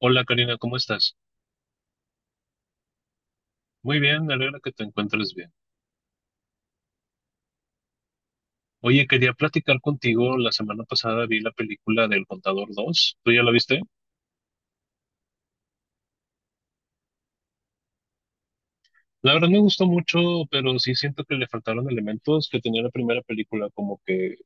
Hola Karina, ¿cómo estás? Muy bien, me alegra que te encuentres bien. Oye, quería platicar contigo. La semana pasada vi la película del Contador dos. ¿Tú ya la viste? La verdad me gustó mucho, pero sí siento que le faltaron elementos que tenía la primera película, como que,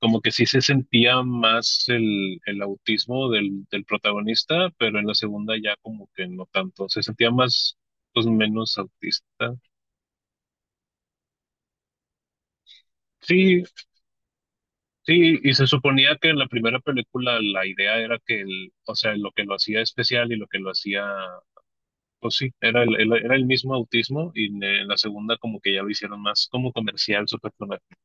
como que sí se sentía más el autismo del protagonista, pero en la segunda ya como que no tanto. Se sentía más, pues menos autista. Sí, sí, y se suponía que en la primera película la idea era que el, o sea, lo que lo hacía especial y lo que lo hacía, pues sí, era el, era el mismo autismo y en la segunda como que ya lo hicieron más como comercial, super comercial.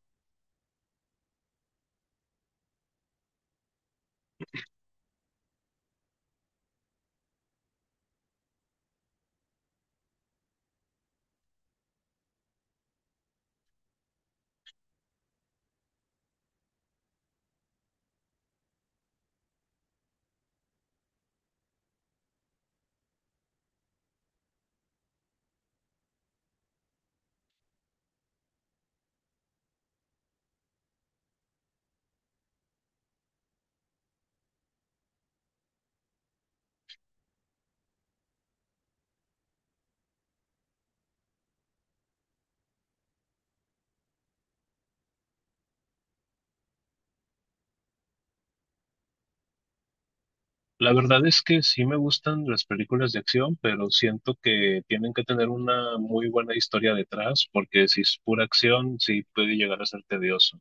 La verdad es que sí me gustan las películas de acción, pero siento que tienen que tener una muy buena historia detrás, porque si es pura acción, sí puede llegar a ser tedioso.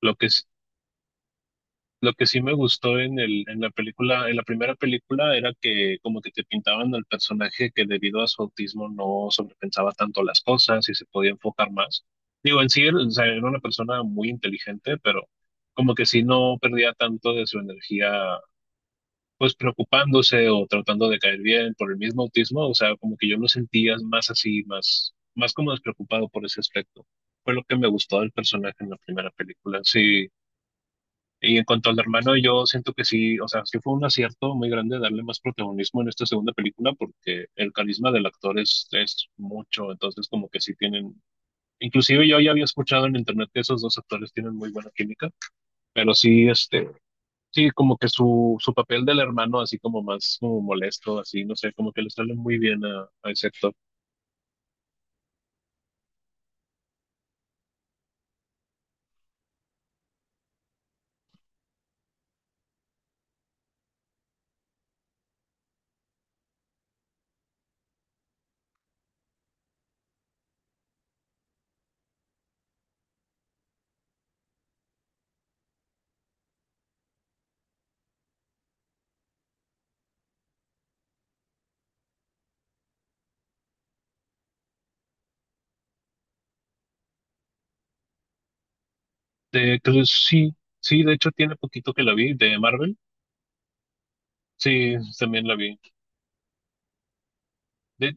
Lo que, Lo que sí me gustó en el, en la película, en la primera película, era que como que te pintaban al personaje que debido a su autismo no sobrepensaba tanto las cosas y se podía enfocar más. Digo, en sí, o sea, era una persona muy inteligente, pero como que sí no perdía tanto de su energía, pues preocupándose o tratando de caer bien por el mismo autismo. O sea, como que yo lo sentía más así, más, más como despreocupado por ese aspecto. Fue lo que me gustó del personaje en la primera película. Sí. Y en cuanto al hermano, yo siento que sí, o sea, sí fue un acierto muy grande darle más protagonismo en esta segunda película porque el carisma del actor es mucho, entonces como que sí tienen, inclusive yo ya había escuchado en internet que esos dos actores tienen muy buena química, pero sí, este, sí, como que su papel del hermano así como más como molesto, así, no sé, como que le sale muy bien a ese actor. Entonces sí, sí, de hecho tiene poquito que la vi, de Marvel, sí, también la vi. De,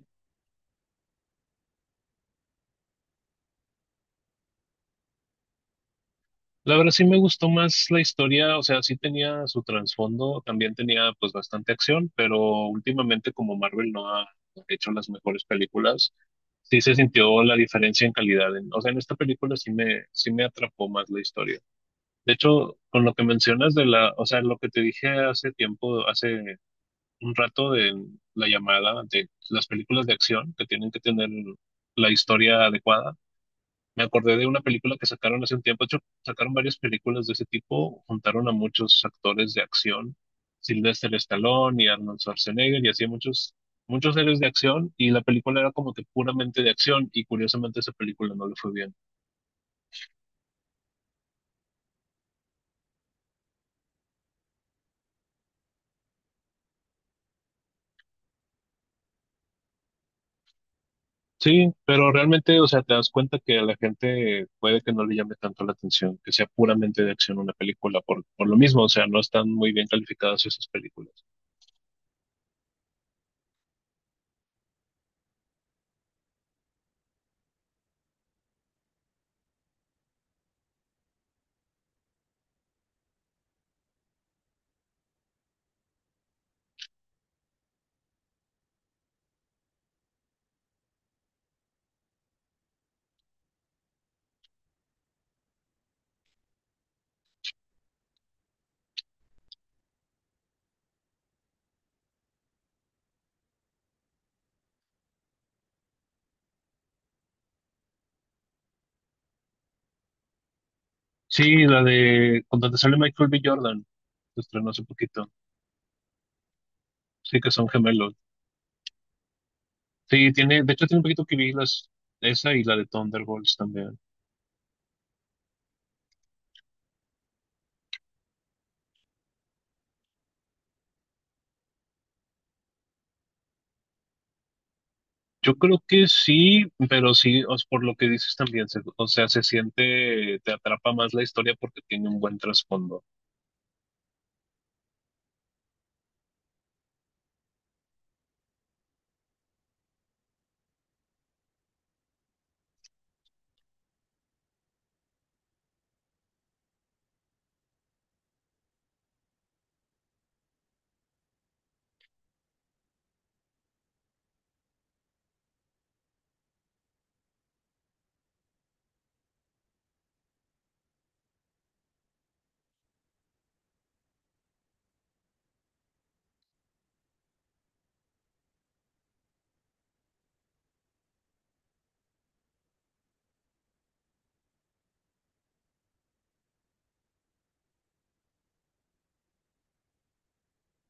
La verdad sí me gustó más la historia, o sea, sí tenía su trasfondo, también tenía pues bastante acción, pero últimamente como Marvel no ha hecho las mejores películas, sí se sintió la diferencia en calidad. O sea, en esta película sí me atrapó más la historia. De hecho, con lo que mencionas de la, o sea, lo que te dije hace tiempo, hace un rato de la llamada de las películas de acción que tienen que tener la historia adecuada. Me acordé de una película que sacaron hace un tiempo. De hecho, sacaron varias películas de ese tipo. Juntaron a muchos actores de acción. Sylvester Stallone y Arnold Schwarzenegger y así muchos, muchos héroes de acción. Y la película era como que puramente de acción. Y curiosamente esa película no le fue bien. Sí, pero realmente, o sea, te das cuenta que a la gente puede que no le llame tanto la atención, que sea puramente de acción una película por lo mismo. O sea, no están muy bien calificadas esas películas. Sí, la de con donde sale Michael B. Jordan. Se estrenó hace poquito. Sí, que son gemelos. Sí, tiene, de hecho tiene un poquito que vi las, esa y la de Thunderbolts también. Yo creo que sí, pero sí, os por lo que dices también, o sea, se siente, te atrapa más la historia porque tiene un buen trasfondo.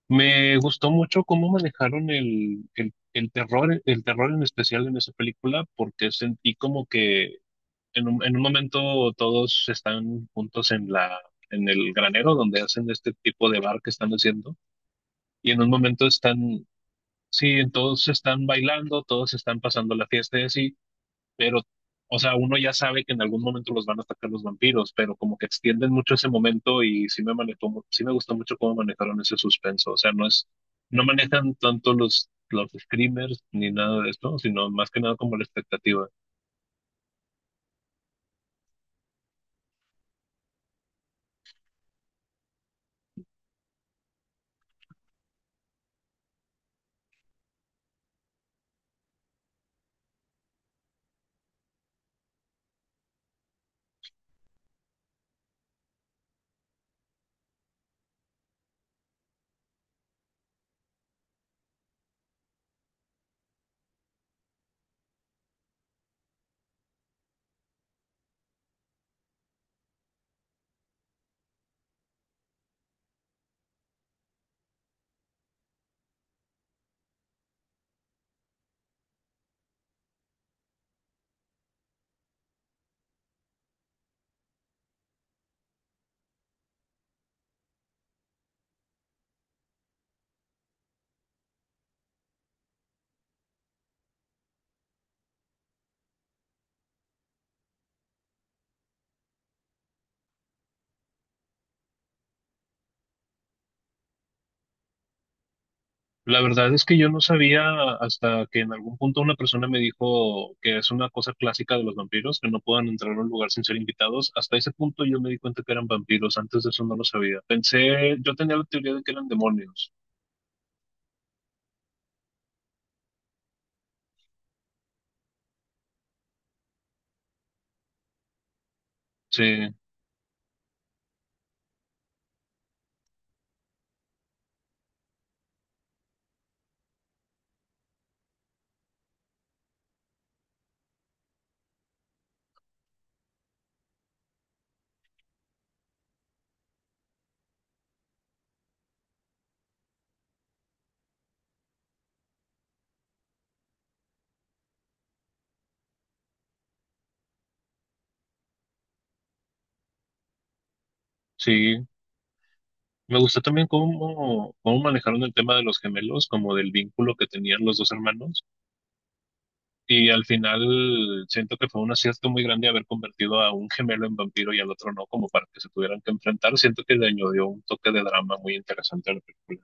Me gustó mucho cómo manejaron el terror, el terror en especial en esa película, porque sentí como que en un momento todos están juntos en la, en el granero donde hacen este tipo de bar que están haciendo. Y en un momento están, sí, todos están bailando, todos están pasando la fiesta y así, pero, o sea, uno ya sabe que en algún momento los van a atacar los vampiros, pero como que extienden mucho ese momento y sí me manejó, sí me gustó mucho cómo manejaron ese suspenso, o sea, no es, no manejan tanto los screamers ni nada de esto, sino más que nada como la expectativa. La verdad es que yo no sabía hasta que en algún punto una persona me dijo que es una cosa clásica de los vampiros, que no puedan entrar a un lugar sin ser invitados. Hasta ese punto yo me di cuenta que eran vampiros, antes de eso no lo sabía. Pensé, yo tenía la teoría de que eran demonios. Sí, sí. Me gustó también cómo, cómo manejaron el tema de los gemelos, como del vínculo que tenían los dos hermanos. Y al final siento que fue un acierto muy grande haber convertido a un gemelo en vampiro y al otro no, como para que se tuvieran que enfrentar. Siento que le añadió un toque de drama muy interesante a la película.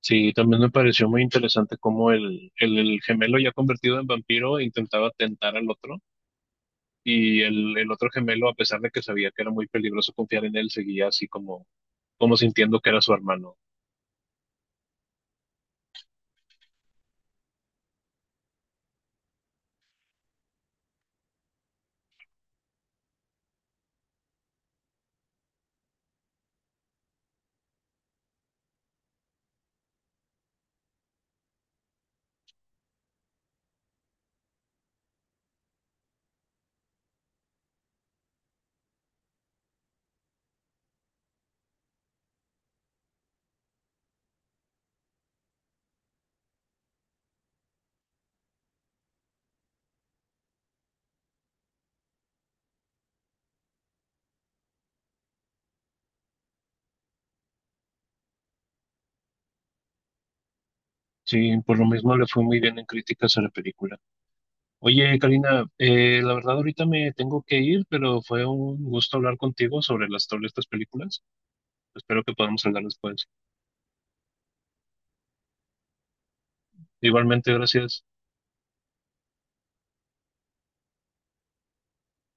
Sí, también me pareció muy interesante cómo el, el gemelo ya convertido en vampiro intentaba tentar al otro y el otro gemelo, a pesar de que sabía que era muy peligroso confiar en él, seguía así como, como sintiendo que era su hermano. Sí, por lo mismo le fue muy bien en críticas a la película. Oye, Karina, la verdad ahorita me tengo que ir, pero fue un gusto hablar contigo sobre las sobre estas películas. Espero que podamos hablar después. Igualmente, gracias.